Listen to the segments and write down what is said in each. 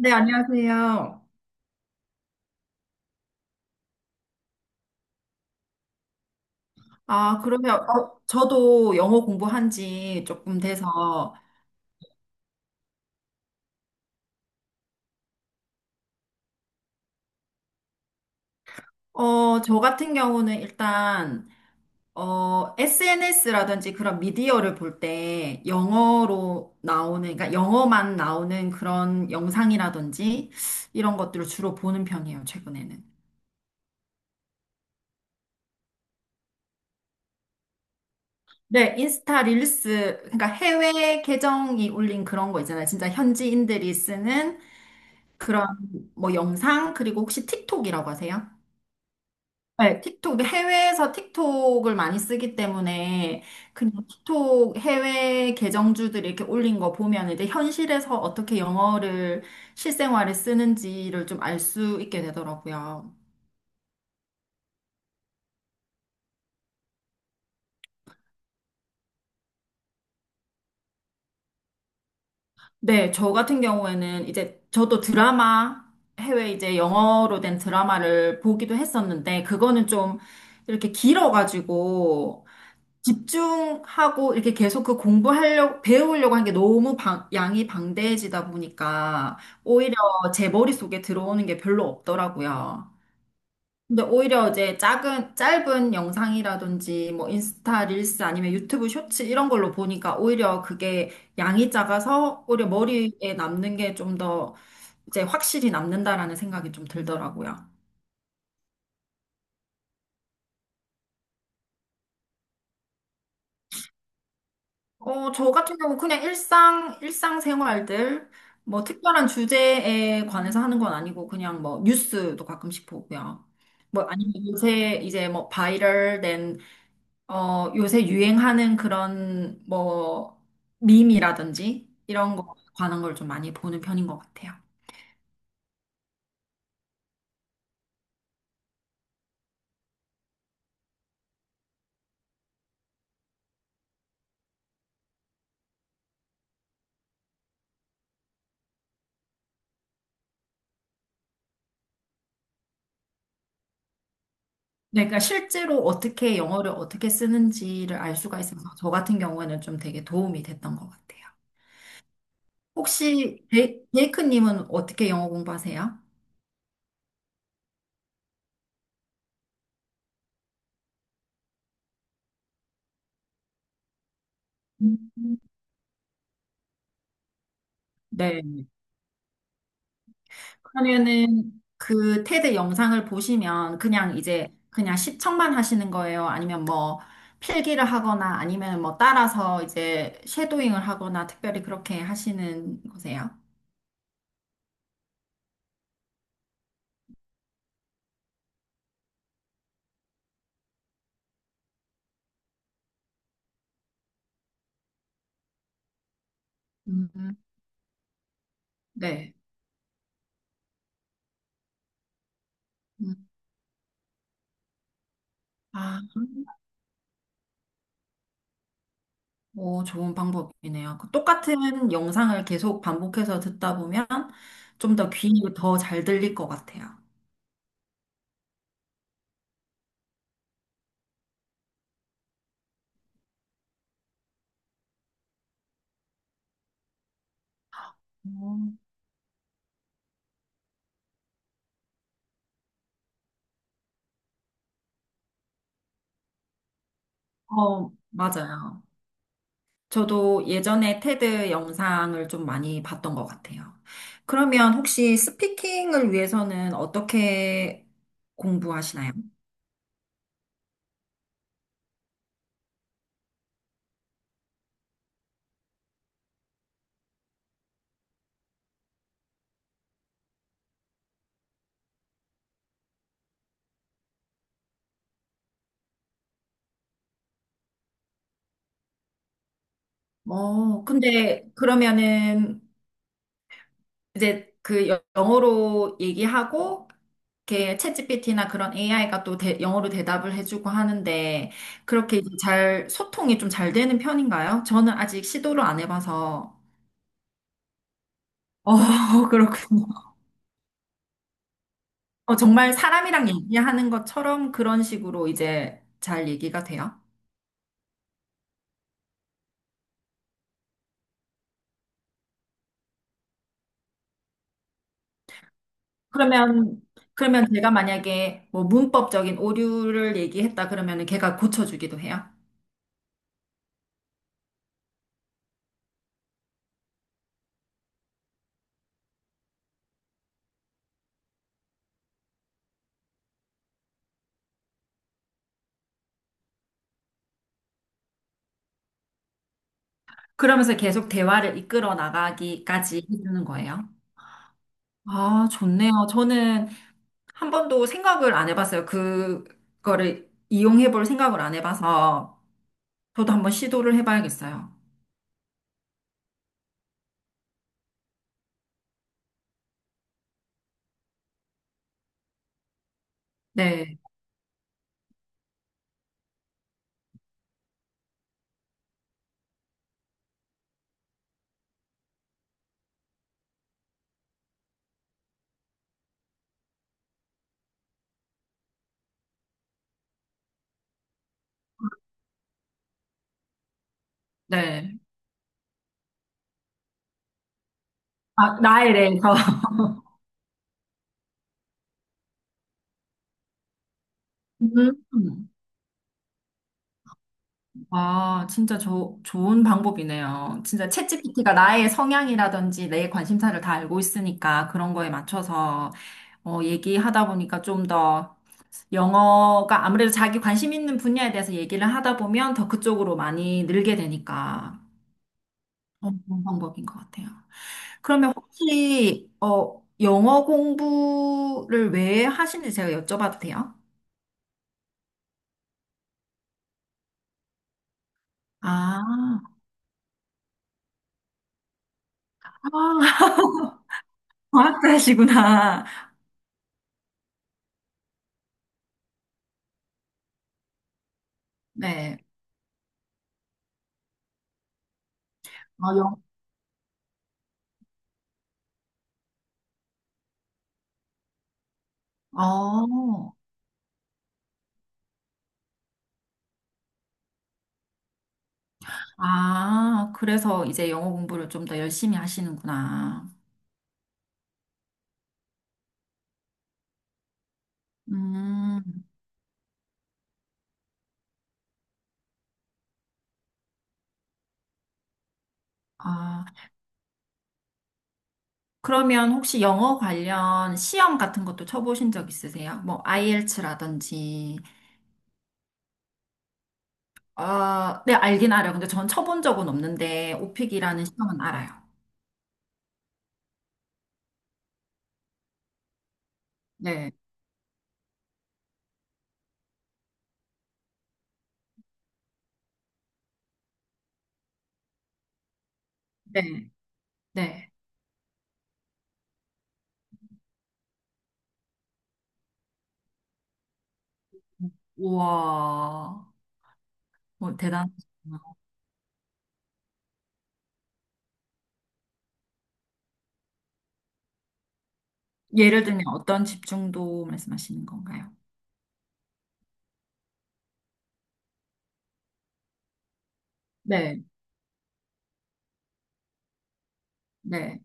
네, 안녕하세요. 아, 그러면 저도 영어 공부한 지 조금 돼서 저 같은 경우는 일단 SNS라든지 그런 미디어를 볼 때 영어로 나오는 그러니까 영어만 나오는 그런 영상이라든지 이런 것들을 주로 보는 편이에요, 최근에는. 네, 인스타 릴스, 그러니까 해외 계정이 올린 그런 거 있잖아요. 진짜 현지인들이 쓰는 그런 뭐 영상, 그리고 혹시 틱톡이라고 하세요? 네, 틱톡, 근데 해외에서 틱톡을 많이 쓰기 때문에 그냥 틱톡 해외 계정주들이 이렇게 올린 거 보면 이제 현실에서 어떻게 영어를 실생활에 쓰는지를 좀 알 수 있게 되더라고요. 네, 저 같은 경우에는 이제 저도 드라마, 해외 이제 영어로 된 드라마를 보기도 했었는데 그거는 좀 이렇게 길어가지고 집중하고 이렇게 계속 그 공부하려고, 배우려고 하는 게 너무 양이 방대해지다 보니까 오히려 제 머릿속에 들어오는 게 별로 없더라고요. 근데 오히려 이제 작은, 짧은 영상이라든지 뭐 인스타 릴스 아니면 유튜브 쇼츠 이런 걸로 보니까 오히려 그게 양이 작아서 오히려 머리에 남는 게 좀 더 이제 확실히 남는다라는 생각이 좀 들더라고요. 저 같은 경우 그냥 일상, 일상생활들, 뭐 특별한 주제에 관해서 하는 건 아니고 그냥 뭐 뉴스도 가끔씩 보고요. 뭐 아니면 요새 이제 뭐 바이럴된, 요새 유행하는 그런 뭐 밈이라든지 이런 거 관한 걸 좀 많이 보는 편인 것 같아요. 네, 그러니까 실제로 어떻게 영어를 어떻게 쓰는지를 알 수가 있어서 저 같은 경우에는 좀 되게 도움이 됐던 것 같아요. 혹시 제이크님은 어떻게 영어 공부하세요? 음. 네. 그러면은 그 테드 영상을 보시면 그냥 이제 그냥 시청만 하시는 거예요? 아니면 뭐 필기를 하거나 아니면 뭐 따라서 이제 쉐도잉을 하거나 특별히 그렇게 하시는 거세요? 음. 네. 음. 아, 오, 좋은 방법이네요. 그 똑같은 영상을 계속 반복해서 듣다 보면 좀 더 귀에 더 잘 들릴 것 같아요. 음. 어, 맞아요. 저도 예전에 테드 영상을 좀 많이 봤던 것 같아요. 그러면 혹시 스피킹을 위해서는 어떻게 공부하시나요? 어, 근데 그러면은 이제 그 영어로 얘기하고 이렇게 챗GPT나 그런 AI가 또 영어로 대답을 해주고 하는데 그렇게 이제 잘 소통이 좀 잘 되는 편인가요? 저는 아직 시도를 안 해봐서. 어, 그렇군요. 어, 정말 사람이랑 얘기하는 것처럼 그런 식으로 이제 잘 얘기가 돼요? 그러면, 그러면 제가 만약에 뭐 문법적인 오류를 얘기했다 그러면은 걔가 고쳐주기도 해요? 그러면서 계속 대화를 이끌어 나가기까지 해주는 거예요? 아, 좋네요. 저는 한 번도 생각을 안 해봤어요. 그거를 이용해 볼 생각을 안 해봐서 저도 한번 시도를 해봐야겠어요. 네, 네. 아, 나에 대해서. 음. 와, 진짜 좋은 방법이네요. 진짜 챗GPT가 나의 성향이라든지 내 관심사를 다 알고 있으니까 그런 거에 맞춰서 얘기하다 보니까 좀 더 영어가 아무래도 자기 관심 있는 분야에 대해서 얘기를 하다 보면 더 그쪽으로 많이 늘게 되니까 어, 좋은 방법인 것 같아요. 그러면 혹시 어, 영어 공부를 왜 하시는지 제가 여쭤봐도 돼요? 아, 아, 과학자시구나. 네. 아, 어, 아, 그래서 이제 영어 공부를 좀 더 열심히 하시는구나. 음, 아, 그러면 혹시 영어 관련 시험 같은 것도 쳐보신 적 있으세요? 뭐, IELTS라든지. 아, 네, 알긴 알아요. 근데 전 쳐본 적은 없는데, 오픽이라는 시험은 알아요. 네, 네, 네. 우와, 뭐, 대단하시구나. 예를 들면 어떤 집중도 말씀하시는 건가요? 네, 네.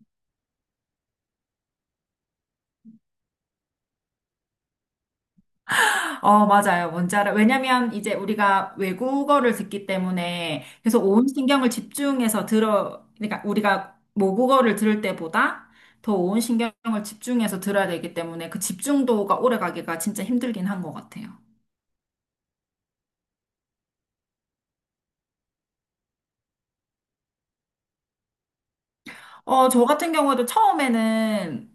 어, 맞아요. 원자를. 왜냐면 이제 우리가 외국어를 듣기 때문에 그래서 온 신경을 집중해서 들어, 그러니까 우리가 모국어를 들을 때보다 더 온 신경을 집중해서 들어야 되기 때문에 그 집중도가 오래 가기가 진짜 힘들긴 한 것 같아요. 어, 저 같은 경우에도 처음에는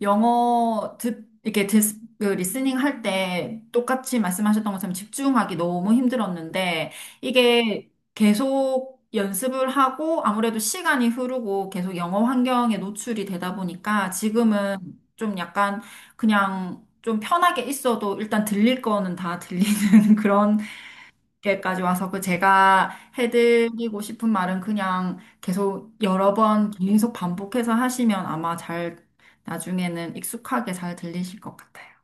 영어 이렇게 듣 그 리스닝 할 때 똑같이 말씀하셨던 것처럼 집중하기 너무 힘들었는데 이게 계속 연습을 하고 아무래도 시간이 흐르고 계속 영어 환경에 노출이 되다 보니까 지금은 좀 약간 그냥 좀 편하게 있어도 일단 들릴 거는 다 들리는 그런 이렇게까지 와서 그 제가 해드리고 싶은 말은 그냥 계속 여러 번 계속 반복해서 하시면 아마 잘 나중에는 익숙하게 잘 들리실 것 같아요.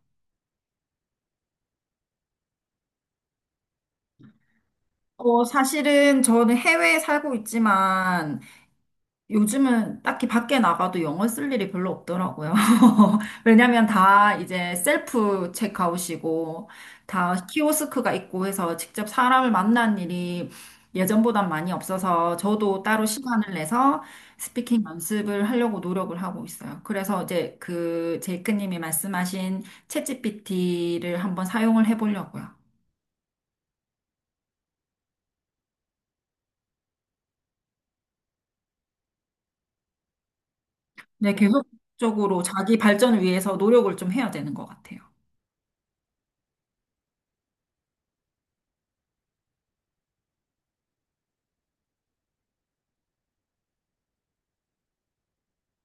어, 사실은 저는 해외에 살고 있지만 요즘은 딱히 밖에 나가도 영어 쓸 일이 별로 없더라고요. 왜냐면 다 이제 셀프 체크아웃이고, 다 키오스크가 있고 해서 직접 사람을 만난 일이 예전보단 많이 없어서 저도 따로 시간을 내서 스피킹 연습을 하려고 노력을 하고 있어요. 그래서 이제 그 제이크님이 말씀하신 챗GPT를 한번 사용을 해보려고요. 네, 계속적으로 자기 발전을 위해서 노력을 좀 해야 되는 것 같아요.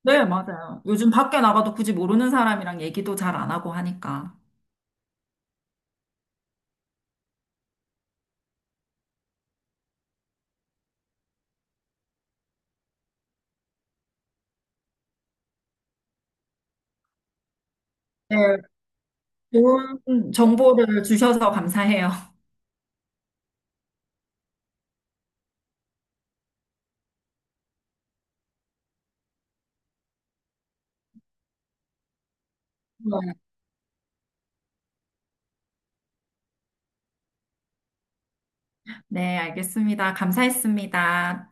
네, 맞아요. 요즘 밖에 나가도 굳이 모르는 사람이랑 얘기도 잘 안 하고 하니까. 네, 좋은 정보를 주셔서 감사해요. 네. 네, 알겠습니다. 감사했습니다.